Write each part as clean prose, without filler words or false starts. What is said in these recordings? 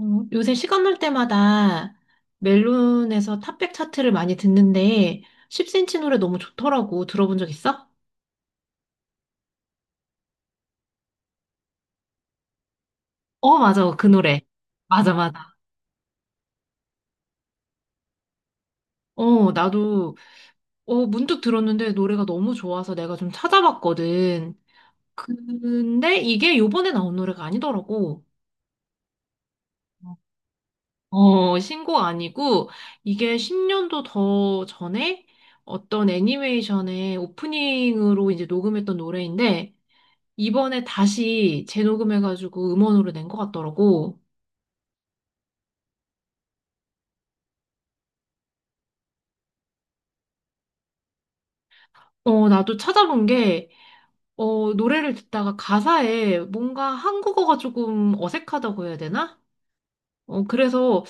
요새 시간 날 때마다 멜론에서 탑백 차트를 많이 듣는데 10cm 노래 너무 좋더라고. 들어본 적 있어? 어, 맞아. 그 노래. 맞아, 맞아. 어, 나도 문득 들었는데 노래가 너무 좋아서 내가 좀 찾아봤거든. 근데 이게 요번에 나온 노래가 아니더라고. 어, 신곡 아니고 이게 10년도 더 전에 어떤 애니메이션의 오프닝으로 이제 녹음했던 노래인데 이번에 다시 재녹음해가지고 음원으로 낸 것 같더라고. 어, 나도 찾아본 게, 노래를 듣다가 가사에 뭔가 한국어가 조금 어색하다고 해야 되나? 어, 그래서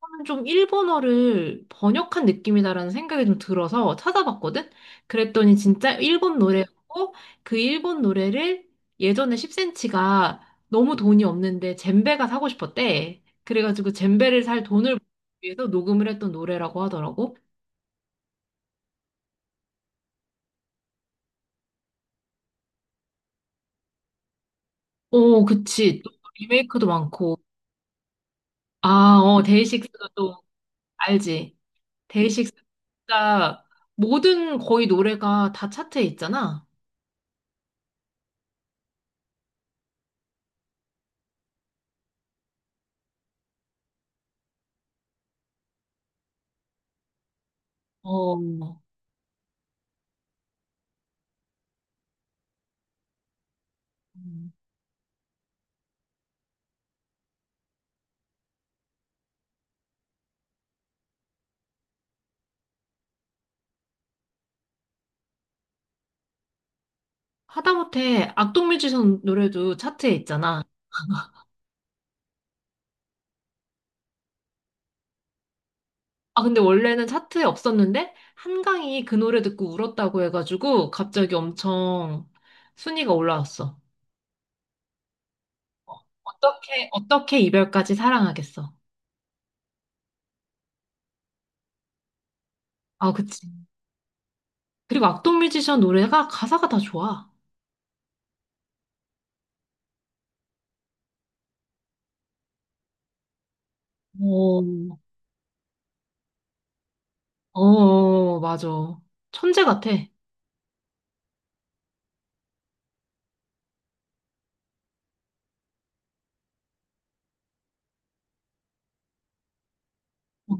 저는 좀 일본어를 번역한 느낌이다라는 생각이 좀 들어서 찾아봤거든? 그랬더니 진짜 일본 노래였고, 그 일본 노래를 예전에 10cm가 너무 돈이 없는데 젬베가 사고 싶었대. 그래가지고 젬베를 살 돈을 위해서 녹음을 했던 노래라고 하더라고. 오, 그치. 또 리메이크도 많고. 아, 어, 데이식스가 또 알지. 데이식스 진짜 모든 거의 노래가 다 차트에 있잖아. 어. 음. 하다못해 악동뮤지션 노래도 차트에 있잖아. 아, 근데 원래는 차트에 없었는데 한강이 그 노래 듣고 울었다고 해가지고 갑자기 엄청 순위가 올라왔어. 어떻게, 어떻게 이별까지 사랑하겠어. 아, 그치. 그리고 악동뮤지션 노래가 가사가 다 좋아. 어. 어, 어, 맞아. 천재 같아. 어,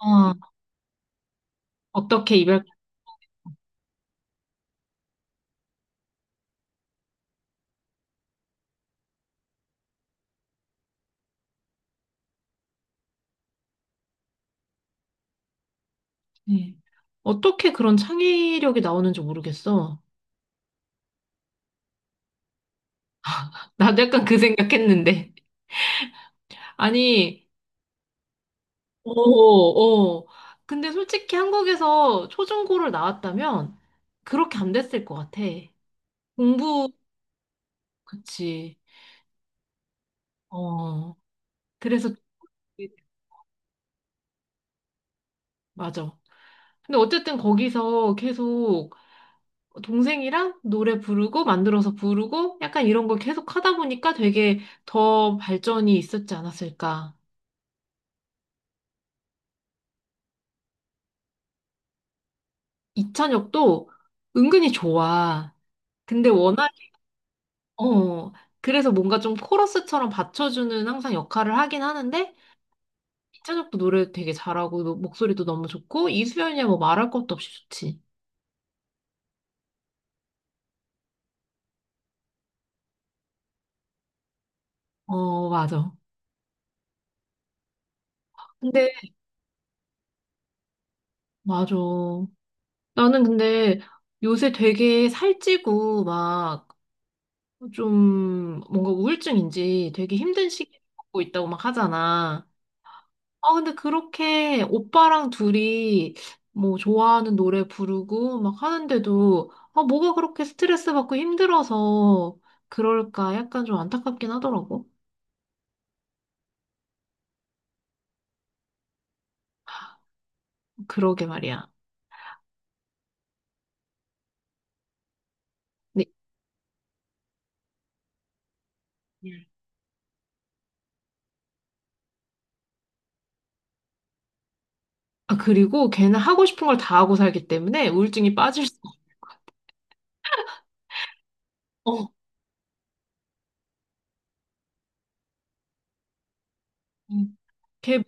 아, 어떻게 이별까지. 어떻게 그런 창의력이 나오는지 모르겠어. 나도 약간 그 생각했는데. 아니, 어, 어. 근데 솔직히 한국에서 초중고를 나왔다면 그렇게 안 됐을 것 같아. 공부, 그치. 어, 그래서, 맞아. 근데 어쨌든 거기서 계속 동생이랑 노래 부르고 만들어서 부르고 약간 이런 걸 계속 하다 보니까 되게 더 발전이 있었지 않았을까. 이찬혁도 은근히 좋아. 근데 워낙, 어, 그래서 뭔가 좀 코러스처럼 받쳐주는 항상 역할을 하긴 하는데 이찬혁도 노래 되게 잘하고 목소리도 너무 좋고 이수연이야 뭐 말할 것도 없이 좋지. 어, 맞아. 근데, 맞아. 나는 근데 요새 되게 살찌고 막 좀 뭔가 우울증인지 되게 힘든 시기를 겪고 있다고 막 하잖아. 아, 근데 그렇게 오빠랑 둘이 뭐 좋아하는 노래 부르고 막 하는데도 아, 뭐가 그렇게 스트레스 받고 힘들어서 그럴까 약간 좀 안타깝긴 하더라고. 그러게 말이야. 네. 아, 그리고 걔는 하고 싶은 걸 다 하고 살기 때문에 우울증이 빠질 수 없어. 음. 걔,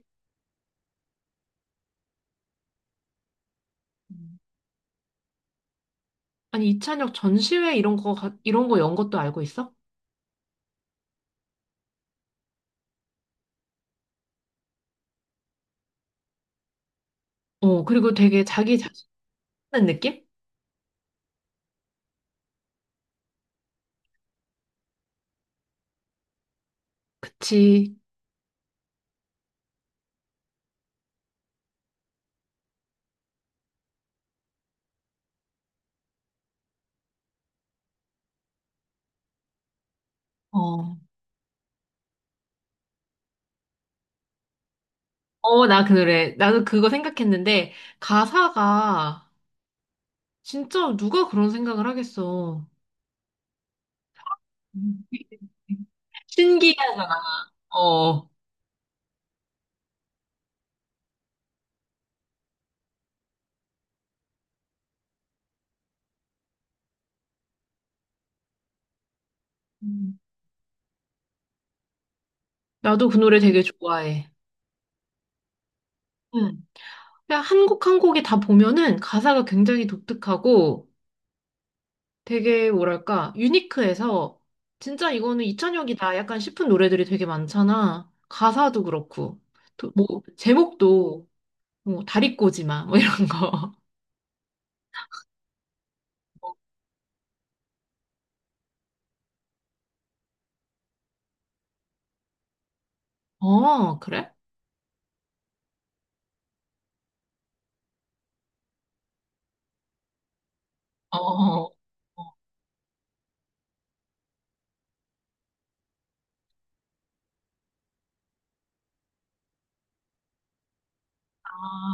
아니, 이찬혁 전시회 이런 거, 이런 거 연 것도 알고 있어? 어, 그리고 되게 자기 자 하는 느낌? 그치. 어. 어, 나 그래. 나도 그거 생각했는데, 가사가 진짜 누가 그런 생각을 하겠어. 음. 신기하잖아. 어. 음. 나도 그 노래 되게 좋아해. 응. 그냥 한 곡 한 곡이 다 보면은 가사가 굉장히 독특하고 되게 뭐랄까, 유니크해서 진짜 이거는 이찬혁이다 약간 싶은 노래들이 되게 많잖아. 가사도 그렇고. 또 뭐, 제목도 뭐 다리꼬지마 뭐 이런 거. 어, 그래? 어, 어.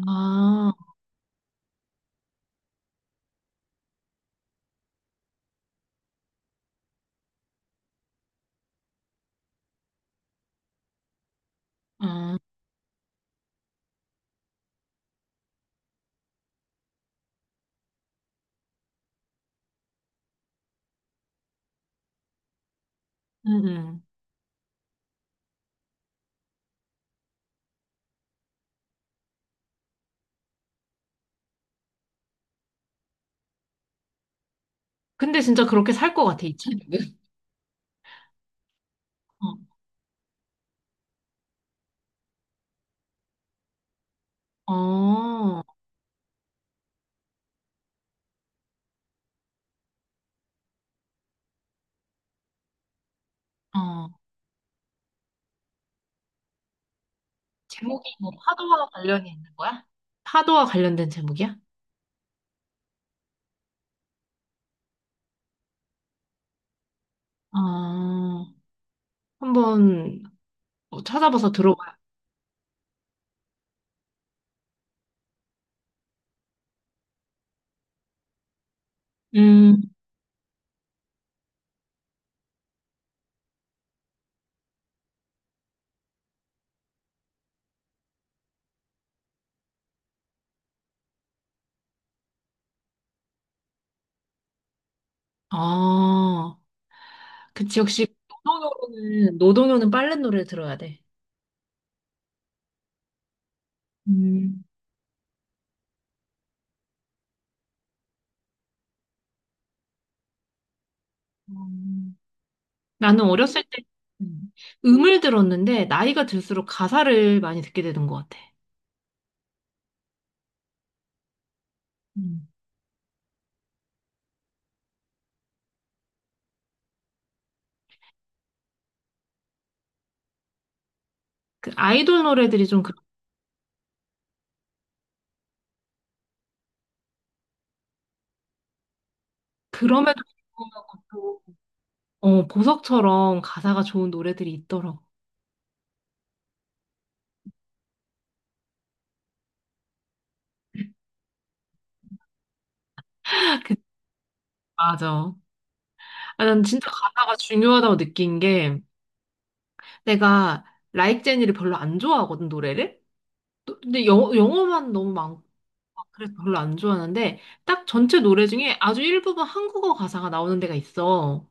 아, 음, 음, 음. 근데 진짜 그렇게 살 것 같아, 이 책은. 어, 어. 어. 제목이 뭐 파도와 관련이 있는 거야? 파도와 관련된 제목이야? 아, 한번 뭐 찾아봐서 들어봐요. 음, 아, 그치, 역시 노동요는, 노동요는 빨래 노래 들어야 돼. 음. 음. 나는 어렸을 때 음, 음을 들었는데 나이가 들수록 가사를 많이 듣게 되는 것 같아. 음. 그 아이돌 노래들이 좀 그, 그럼에도 불구하고 또 어, 보석처럼 가사가 좋은 노래들이 있더라고. 그, 맞아. 아, 난 진짜 가사가 중요하다고 느낀 게 내가 라이크 제니를 별로 안 좋아하거든, 노래를. 근데 영어만 너무 많고 막 그래서 별로 안 좋아하는데 딱 전체 노래 중에 아주 일부분 한국어 가사가 나오는 데가 있어.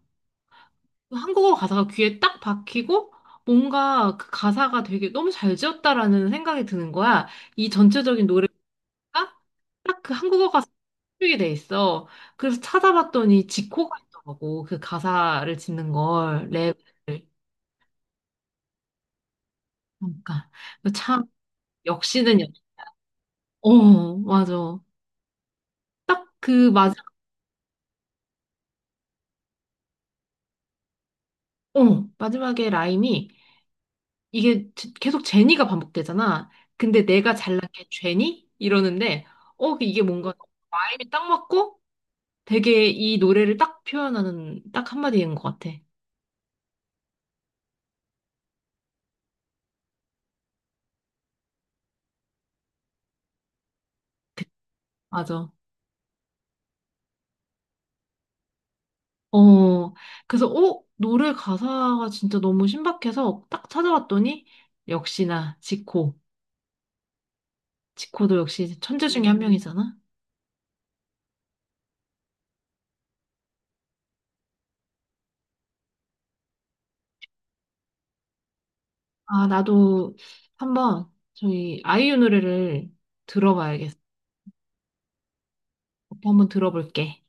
한국어 가사가 귀에 딱 박히고 뭔가 그 가사가 되게 너무 잘 지었다라는 생각이 드는 거야. 이 전체적인 노래가 딱 그 한국어 가사에 쓰게 돼 있어. 그래서 찾아봤더니 지코가 있더라고. 그 가사를 짓는 걸 랩을. 그러니까 참 역시는 어 맞아. 딱 그 마지막 어 마지막에 라임이 이게 계속 제니가 반복되잖아. 근데 내가 잘난 게 죄니? 이러는데, 어, 그 이게 뭔가 마음이 딱 맞고 되게 이 노래를 딱 표현하는 딱 한마디인 것 같아. 그- 맞아. 어, 그래서, 어, 노래 가사가 진짜 너무 신박해서 딱 찾아봤더니, 역시나 지코. 지코도 역시 천재 중에 한 명이잖아. 아, 나도 한번 저희 아이유 노래를 들어봐야겠어. 한번 들어볼게.